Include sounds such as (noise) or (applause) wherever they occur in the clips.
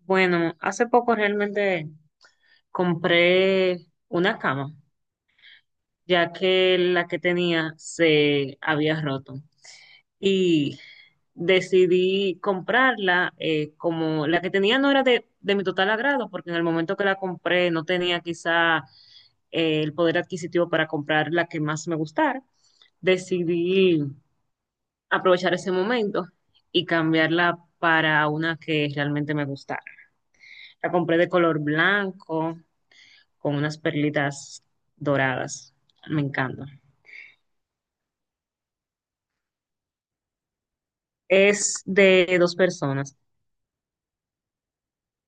Bueno, hace poco realmente compré una cama, ya que la que tenía se había roto. Y decidí comprarla, como la que tenía no era de mi total agrado, porque en el momento que la compré no tenía quizá el poder adquisitivo para comprar la que más me gustara. Decidí aprovechar ese momento y cambiarla para una que realmente me gustara. La compré de color blanco con unas perlitas doradas. Me encanta. Es de dos personas.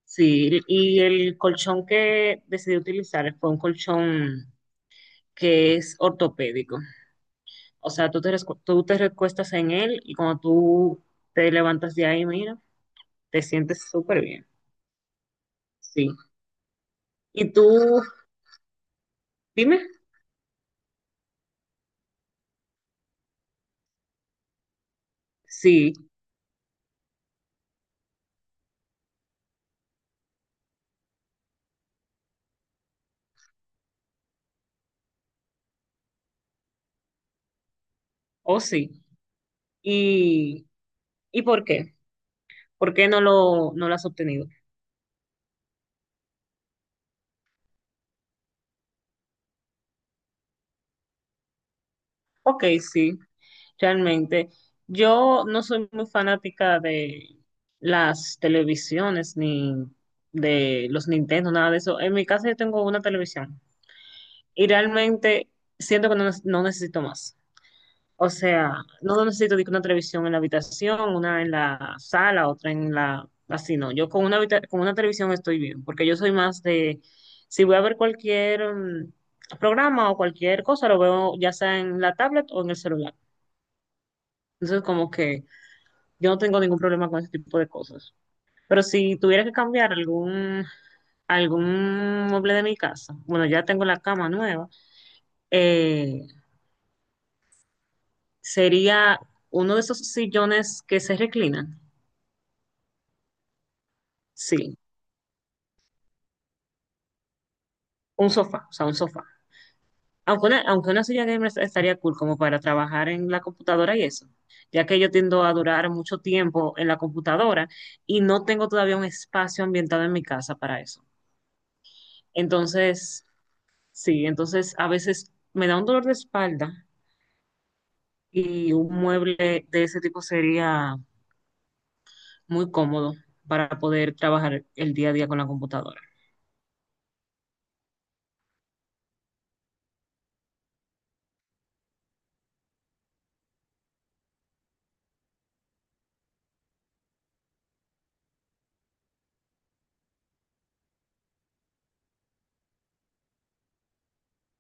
Sí, y el colchón que decidí utilizar fue un colchón que es ortopédico. O sea, tú te recuestas en él y cuando tú te levantas de ahí, mira, te sientes súper bien. Sí. Y tú, dime, sí o sí. ¿Y, y por qué? ¿Por qué no lo has obtenido? Ok, sí. Realmente, yo no soy muy fanática de las televisiones ni de los Nintendo, nada de eso. En mi casa yo tengo una televisión y realmente siento que no necesito más. O sea, no necesito de que una televisión en la habitación, una en la sala, otra en la... Así no, yo con una televisión estoy bien, porque yo soy más de... Si voy a ver cualquier programa o cualquier cosa, lo veo ya sea en la tablet o en el celular. Entonces, como que... Yo no tengo ningún problema con ese tipo de cosas. Pero si tuviera que cambiar algún mueble de mi casa, bueno, ya tengo la cama nueva, eh, sería uno de esos sillones que se reclinan. Sí, un sofá, o sea, un sofá. Aunque aunque una silla gamer estaría cool como para trabajar en la computadora y eso, ya que yo tiendo a durar mucho tiempo en la computadora y no tengo todavía un espacio ambientado en mi casa para eso. Entonces, sí, entonces a veces me da un dolor de espalda y un mueble de ese tipo sería muy cómodo para poder trabajar el día a día con la computadora.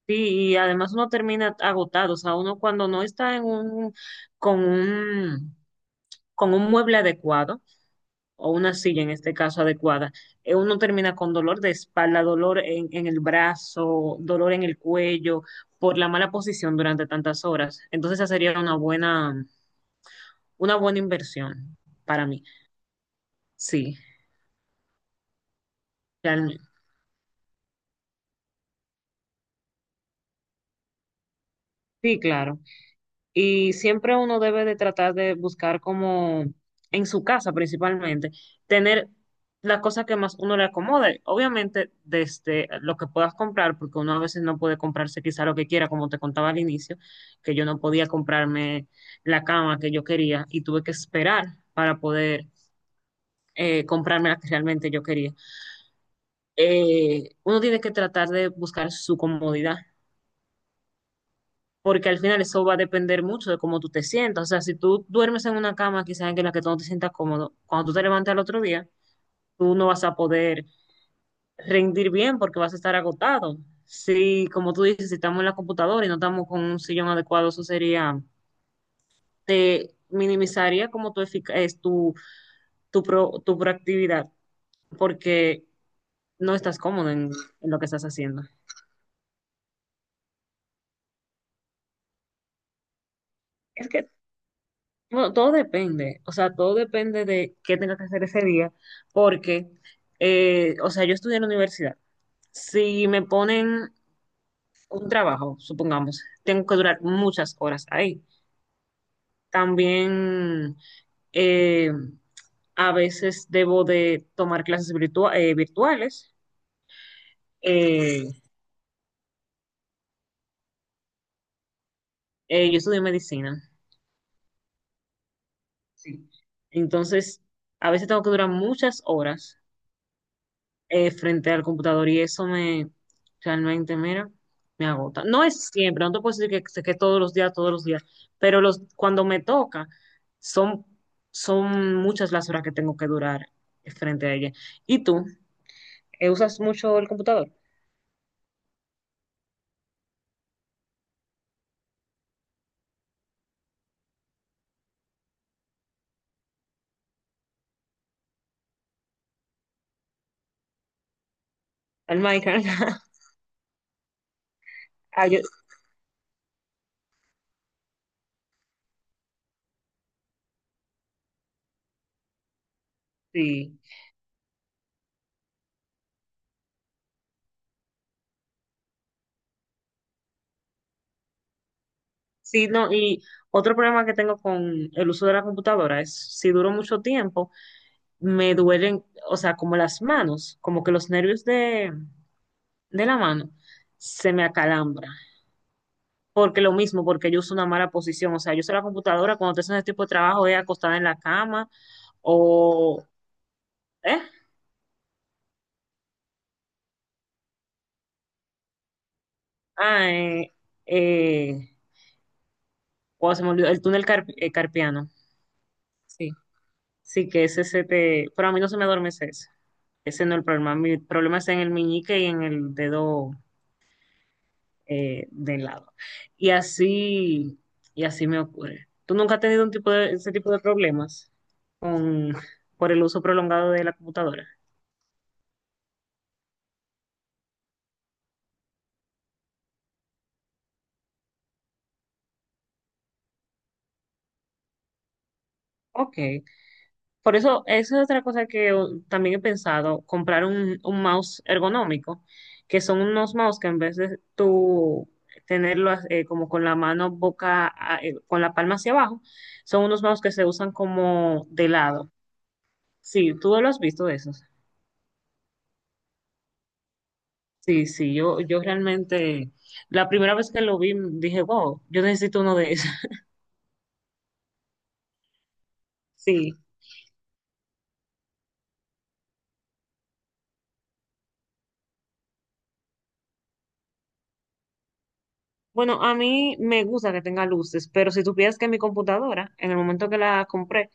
Sí, y además uno termina agotado, o sea, uno cuando no está en con un, con un mueble adecuado o una silla en este caso adecuada, uno termina con dolor de espalda, en el brazo, dolor en el cuello por la mala posición durante tantas horas. Entonces esa sería una buena inversión para mí, sí, realmente. Sí, claro. Y siempre uno debe de tratar de buscar como en su casa principalmente, tener la cosa que más uno le acomode. Obviamente desde lo que puedas comprar, porque uno a veces no puede comprarse quizá lo que quiera, como te contaba al inicio, que yo no podía comprarme la cama que yo quería y tuve que esperar para poder comprarme la que realmente yo quería. Uno tiene que tratar de buscar su comodidad porque al final eso va a depender mucho de cómo tú te sientas. O sea, si tú duermes en una cama quizás en la que tú no te sientas cómodo, cuando tú te levantes al otro día, tú no vas a poder rendir bien porque vas a estar agotado. Si, como tú dices, si estamos en la computadora y no estamos con un sillón adecuado, eso sería, te minimizaría como tu, efic- es tu, tu proactividad porque no estás cómodo en lo que estás haciendo. Es que Bueno, todo depende, o sea, todo depende de qué tenga que hacer ese día, porque, o sea, yo estudié en la universidad. Si me ponen un trabajo, supongamos, tengo que durar muchas horas ahí. También eh, a veces debo de tomar virtuales. Eh, yo estudié medicina, sí. Entonces, a veces tengo que durar muchas horas frente al computador y eso me realmente, mira, me agota. No es siempre, no te puedo decir que todos los días, pero los, cuando me toca, son, son muchas las horas que tengo que durar frente a ella. ¿Y tú? ¿Usas mucho el computador? ¿El Minecraft? (laughs) Ah, yo- sí. Sí, no, y otro problema que tengo con el uso de la computadora es si duro mucho tiempo, me duelen, o sea, como las manos, como que de la mano, se me acalambra. Porque lo mismo, porque yo uso una mala posición. O sea, yo uso la computadora cuando estoy haciendo este tipo de trabajo, es acostada en la cama o... ¿Eh? Ah, eh, eh, wow, se me olvidó, el carpiano. Sí, sí, que ese se te... Pero a mí no se me adormece ese. Ese no es el problema. Mi problema está en el meñique y en el dedo de lado. Y así, y así me ocurre. ¿Tú nunca has tenido un ese tipo de problemas con, por el uso prolongado de la computadora? Ok. Por eso, eso es otra cosa también he pensado, comprar un mouse ergonómico, que son unos mouse que en vez de tú tenerlo como con la con la palma hacia abajo, son unos mouse que se usan como de lado. Sí, tú lo has visto de esos. Sí, sí, yo realmente, la primera vez que lo vi, dije, wow, yo necesito uno de esos. (laughs) Sí. Bueno, a mí me gusta que tenga luces, pero si supieras que mi computadora, en el momento que la compré,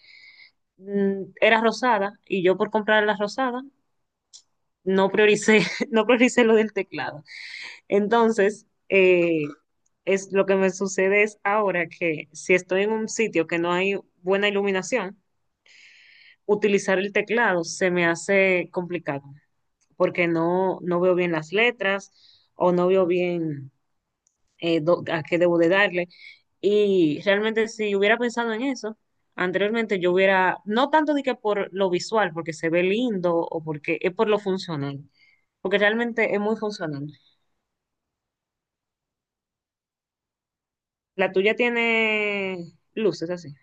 era rosada y yo por comprar la rosada no prioricé, (laughs) no prioricé lo del teclado. Entonces, es lo que me sucede es ahora que si estoy en un sitio que no hay buena iluminación, utilizar el teclado se me hace complicado. Porque no veo bien las letras o no veo bien a qué debo de darle. Y realmente si hubiera pensado en eso anteriormente, yo hubiera, no tanto de que por lo visual, porque se ve lindo o porque es por lo funcional, porque realmente es muy funcional. La tuya tiene luces así.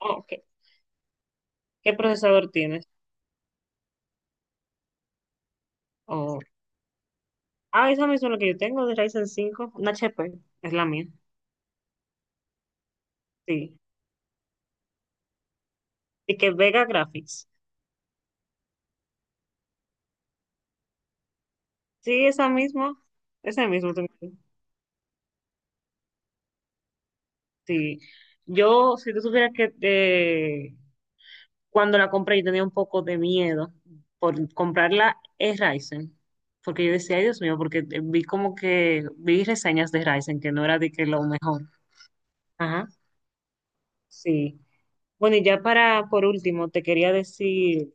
Oh, ok. ¿Qué procesador tienes? Oh. Ah, esa misma es la que yo tengo de Ryzen 5, una HP es la mía, sí. Y que Vega Graphics. Sí, esa misma, esa misma tengo. Sí, yo, si tú supieras que cuando la compré yo tenía un poco de miedo por comprarla es Ryzen, porque yo decía, ay Dios mío, porque vi como vi reseñas de Ryzen que no era de que lo mejor. Ajá, sí. Bueno, y ya para, por último, te quería decir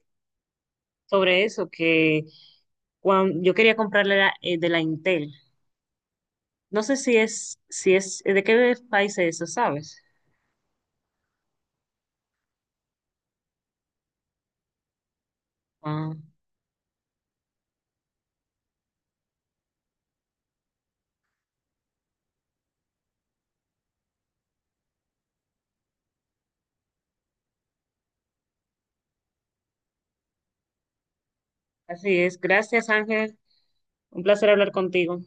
sobre eso, que cuando, yo quería comprarle de la Intel. No sé si si es, ¿de qué país es eso, sabes? Ah, así es. Gracias, Ángel. Un placer hablar contigo.